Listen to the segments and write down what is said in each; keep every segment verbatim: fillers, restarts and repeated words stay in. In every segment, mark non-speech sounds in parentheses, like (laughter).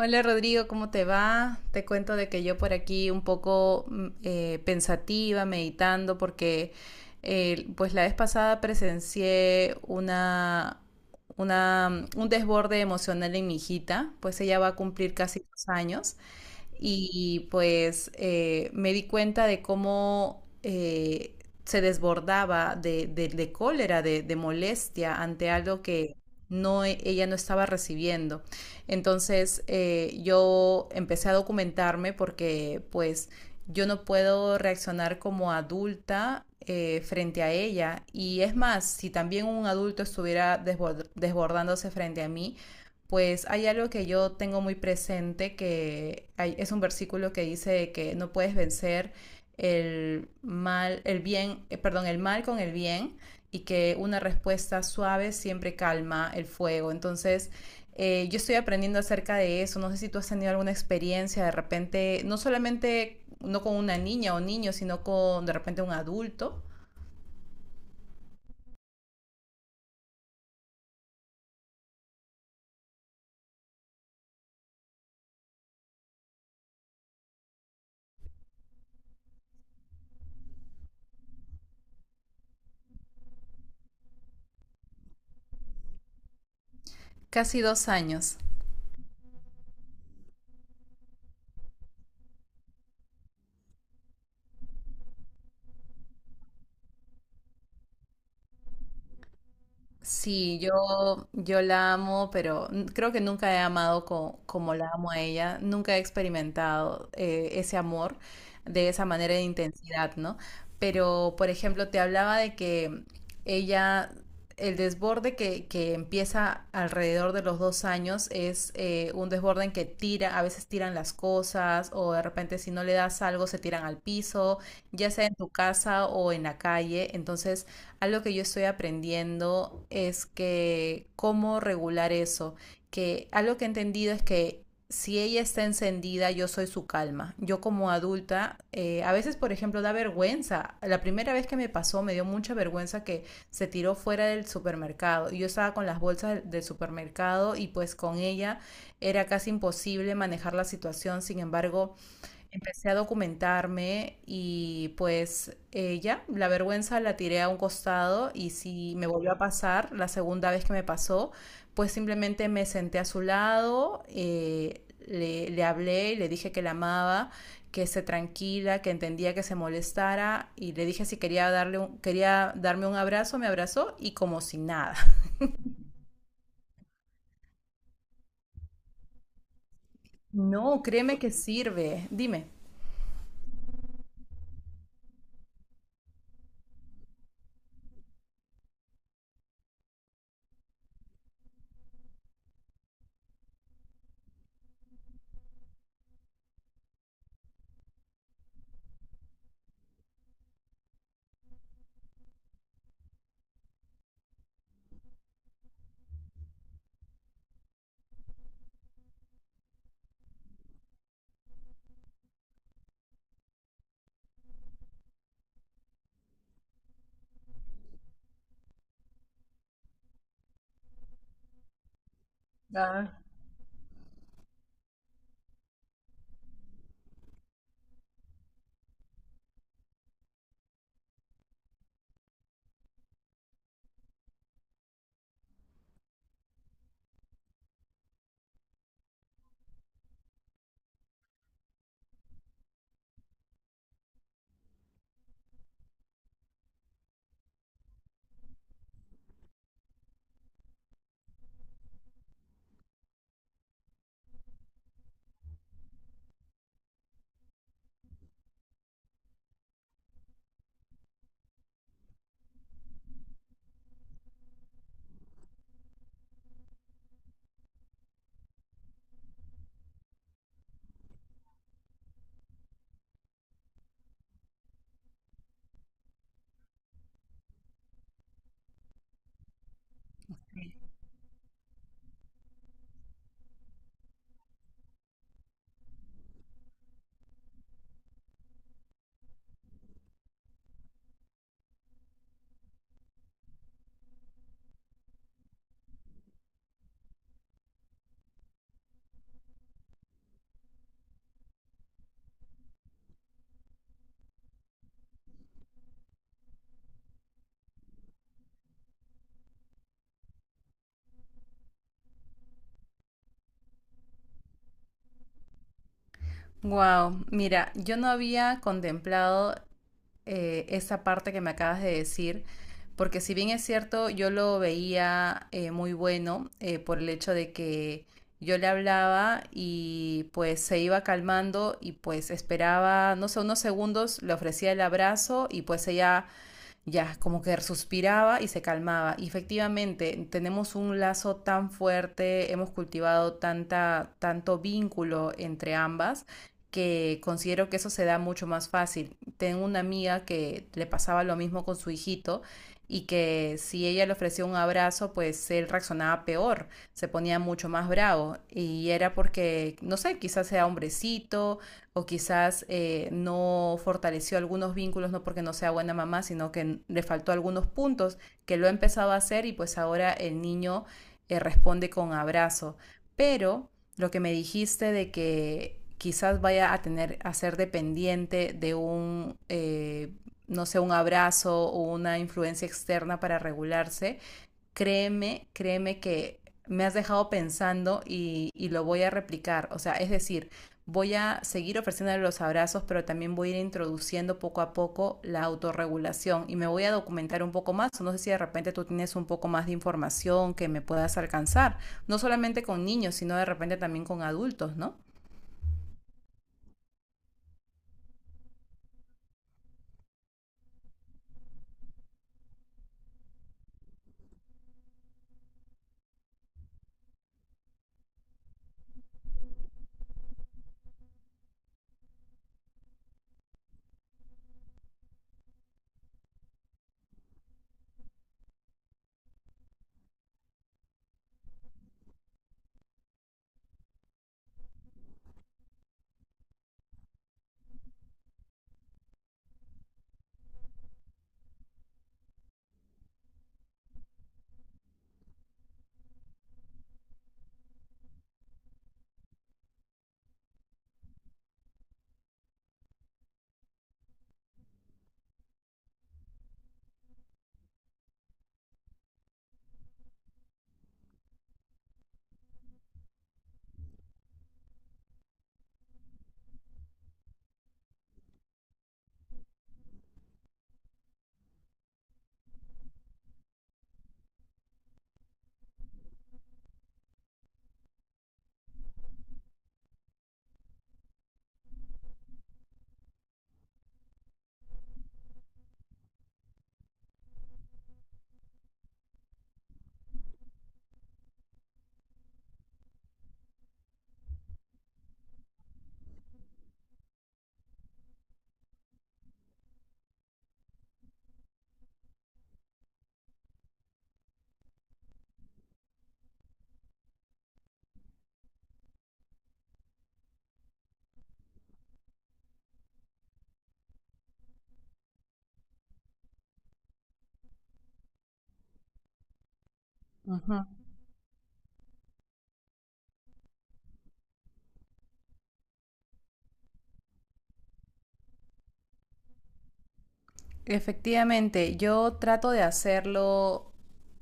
Hola Rodrigo, ¿cómo te va? Te cuento de que yo por aquí un poco mm, eh, pensativa, meditando, porque eh, pues la vez pasada presencié una, una, mm, un desborde emocional en mi hijita, pues ella va a cumplir casi dos años y pues eh, me di cuenta de cómo eh, se desbordaba de, de- de cólera, de, de molestia ante algo que no, e- ella no estaba recibiendo. Entonces eh, yo empecé a documentarme porque pues yo no puedo reaccionar como adulta eh, frente a ella. Y es más, si también un adulto estuviera desbord- desbordándose frente a mí, pues hay algo que yo tengo muy presente, que hay- es un versículo que dice que no puedes vencer el mal, el bien, eh, perdón, el mal con el bien y que una respuesta suave siempre calma el fuego. Entonces, eh, yo estoy aprendiendo acerca de eso. No sé si tú has tenido alguna experiencia de repente, no solamente no con una niña o niño, sino con de repente un adulto. Casi dos años. Sí, yo, yo la amo, pero n- creo que nunca he amado co- como la amo a ella, nunca he experimentado eh, ese amor de esa manera de intensidad, ¿no? Pero, por ejemplo, te hablaba de que ella, el desborde que, que empieza alrededor de los dos años es eh, un desborde en que tira, a veces tiran las cosas o de repente si no le das algo se tiran al piso, ya sea en tu casa o en la calle, entonces algo que yo estoy aprendiendo es que cómo regular eso, que algo que he entendido es que si ella está encendida, yo soy su calma. Yo como adulta, eh, a veces, por ejemplo, da vergüenza. La primera vez que me pasó, me dio mucha vergüenza que se tiró fuera del supermercado. Yo estaba con las bolsas del supermercado y pues con ella era casi imposible manejar la situación. Sin embargo, Empecé a documentarme y pues eh, ya, la vergüenza la tiré a un costado y si me volvió a pasar, la segunda vez que me pasó, pues simplemente me senté a su lado, eh, le, le hablé y le dije que la amaba, que se tranquila, que entendía que se molestara y le dije si quería darle un- quería darme un abrazo, me abrazó y como si nada. No, créeme que sirve. Dime. Ah, Wow, mira, yo no había contemplado eh, esa parte que me acabas de decir, porque si bien es cierto, yo lo veía eh, muy bueno eh, por el hecho de que yo le hablaba y pues se iba calmando y pues esperaba, no sé, unos segundos, le ofrecía el abrazo y pues ella ya como que suspiraba y se calmaba. Y efectivamente, tenemos un lazo tan fuerte, hemos cultivado tanta, tanto vínculo entre ambas que considero que eso se da mucho más fácil. Tengo una amiga que le pasaba lo mismo con su hijito y que si ella le ofrecía un abrazo, pues él reaccionaba peor, se ponía mucho más bravo y era porque, no sé, quizás sea hombrecito o quizás eh, no fortaleció algunos vínculos, no porque no sea buena mamá, sino que le faltó algunos puntos, que lo ha empezado a hacer y pues ahora el niño eh, responde con abrazo. Pero lo que me dijiste de que quizás vaya a tener a ser dependiente de un eh, no sé un abrazo o una influencia externa para regularse créeme, créeme que me has dejado pensando y, y lo voy a replicar. O sea, es decir, voy a seguir ofreciéndole los abrazos, pero también voy a ir introduciendo poco a poco la autorregulación y me voy a documentar un poco más. No sé si de repente tú tienes un poco más de información que me puedas alcanzar, no solamente con niños, sino de repente también con adultos, ¿no? Ujú. Efectivamente, yo trato de hacerlo.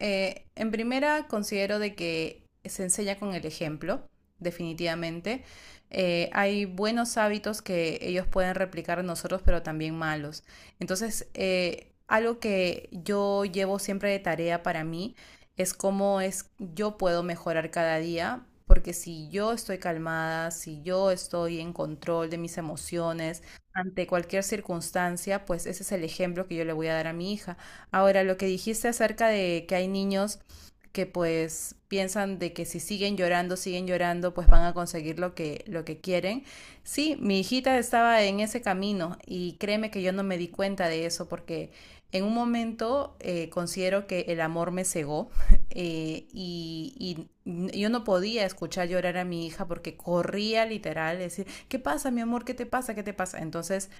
eh, En primera, considero de que se enseña con el ejemplo, definitivamente. Eh, hay buenos hábitos que ellos pueden replicar en nosotros, pero también malos. Entonces, eh, algo que yo llevo siempre de tarea para mí es cómo es yo puedo mejorar cada día, porque si yo estoy calmada, si yo estoy en control de mis emociones, ante cualquier circunstancia, pues ese es el ejemplo que yo le voy a dar a mi hija. Ahora, lo que dijiste acerca de que hay niños que pues piensan de que si siguen llorando, siguen llorando, pues van a conseguir lo que, lo que quieren. Sí, mi hijita estaba en ese camino y créeme que yo no me di cuenta de eso porque en un momento eh, considero que el amor me cegó (laughs) eh, y, y yo no podía escuchar llorar a mi hija porque corría literal, es ¿qué pasa, mi amor? ¿Qué te pasa? ¿Qué te pasa? Entonces,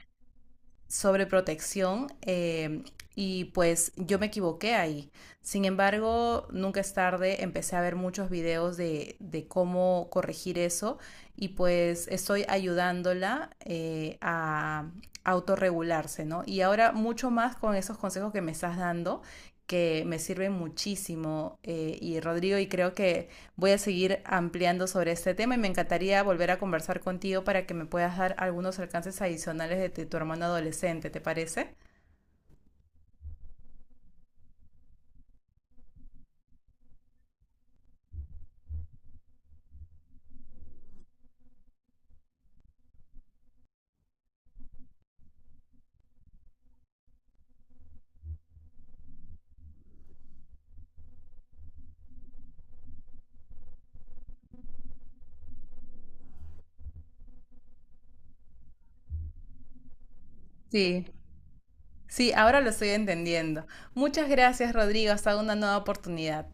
sobreprotección eh, y pues yo me equivoqué ahí. Sin embargo, nunca es tarde, empecé a ver muchos videos de, de cómo corregir eso y pues estoy ayudándola eh, a autorregularse, ¿no? Y ahora mucho más con esos consejos que me estás dando que me sirven muchísimo eh, y Rodrigo y creo que voy a seguir ampliando sobre este tema y me encantaría volver a conversar contigo para que me puedas dar algunos alcances adicionales de tu, tu hermano adolescente, ¿te parece? Sí, sí, ahora lo estoy entendiendo. Muchas gracias, Rodrigo. Hasta una nueva oportunidad.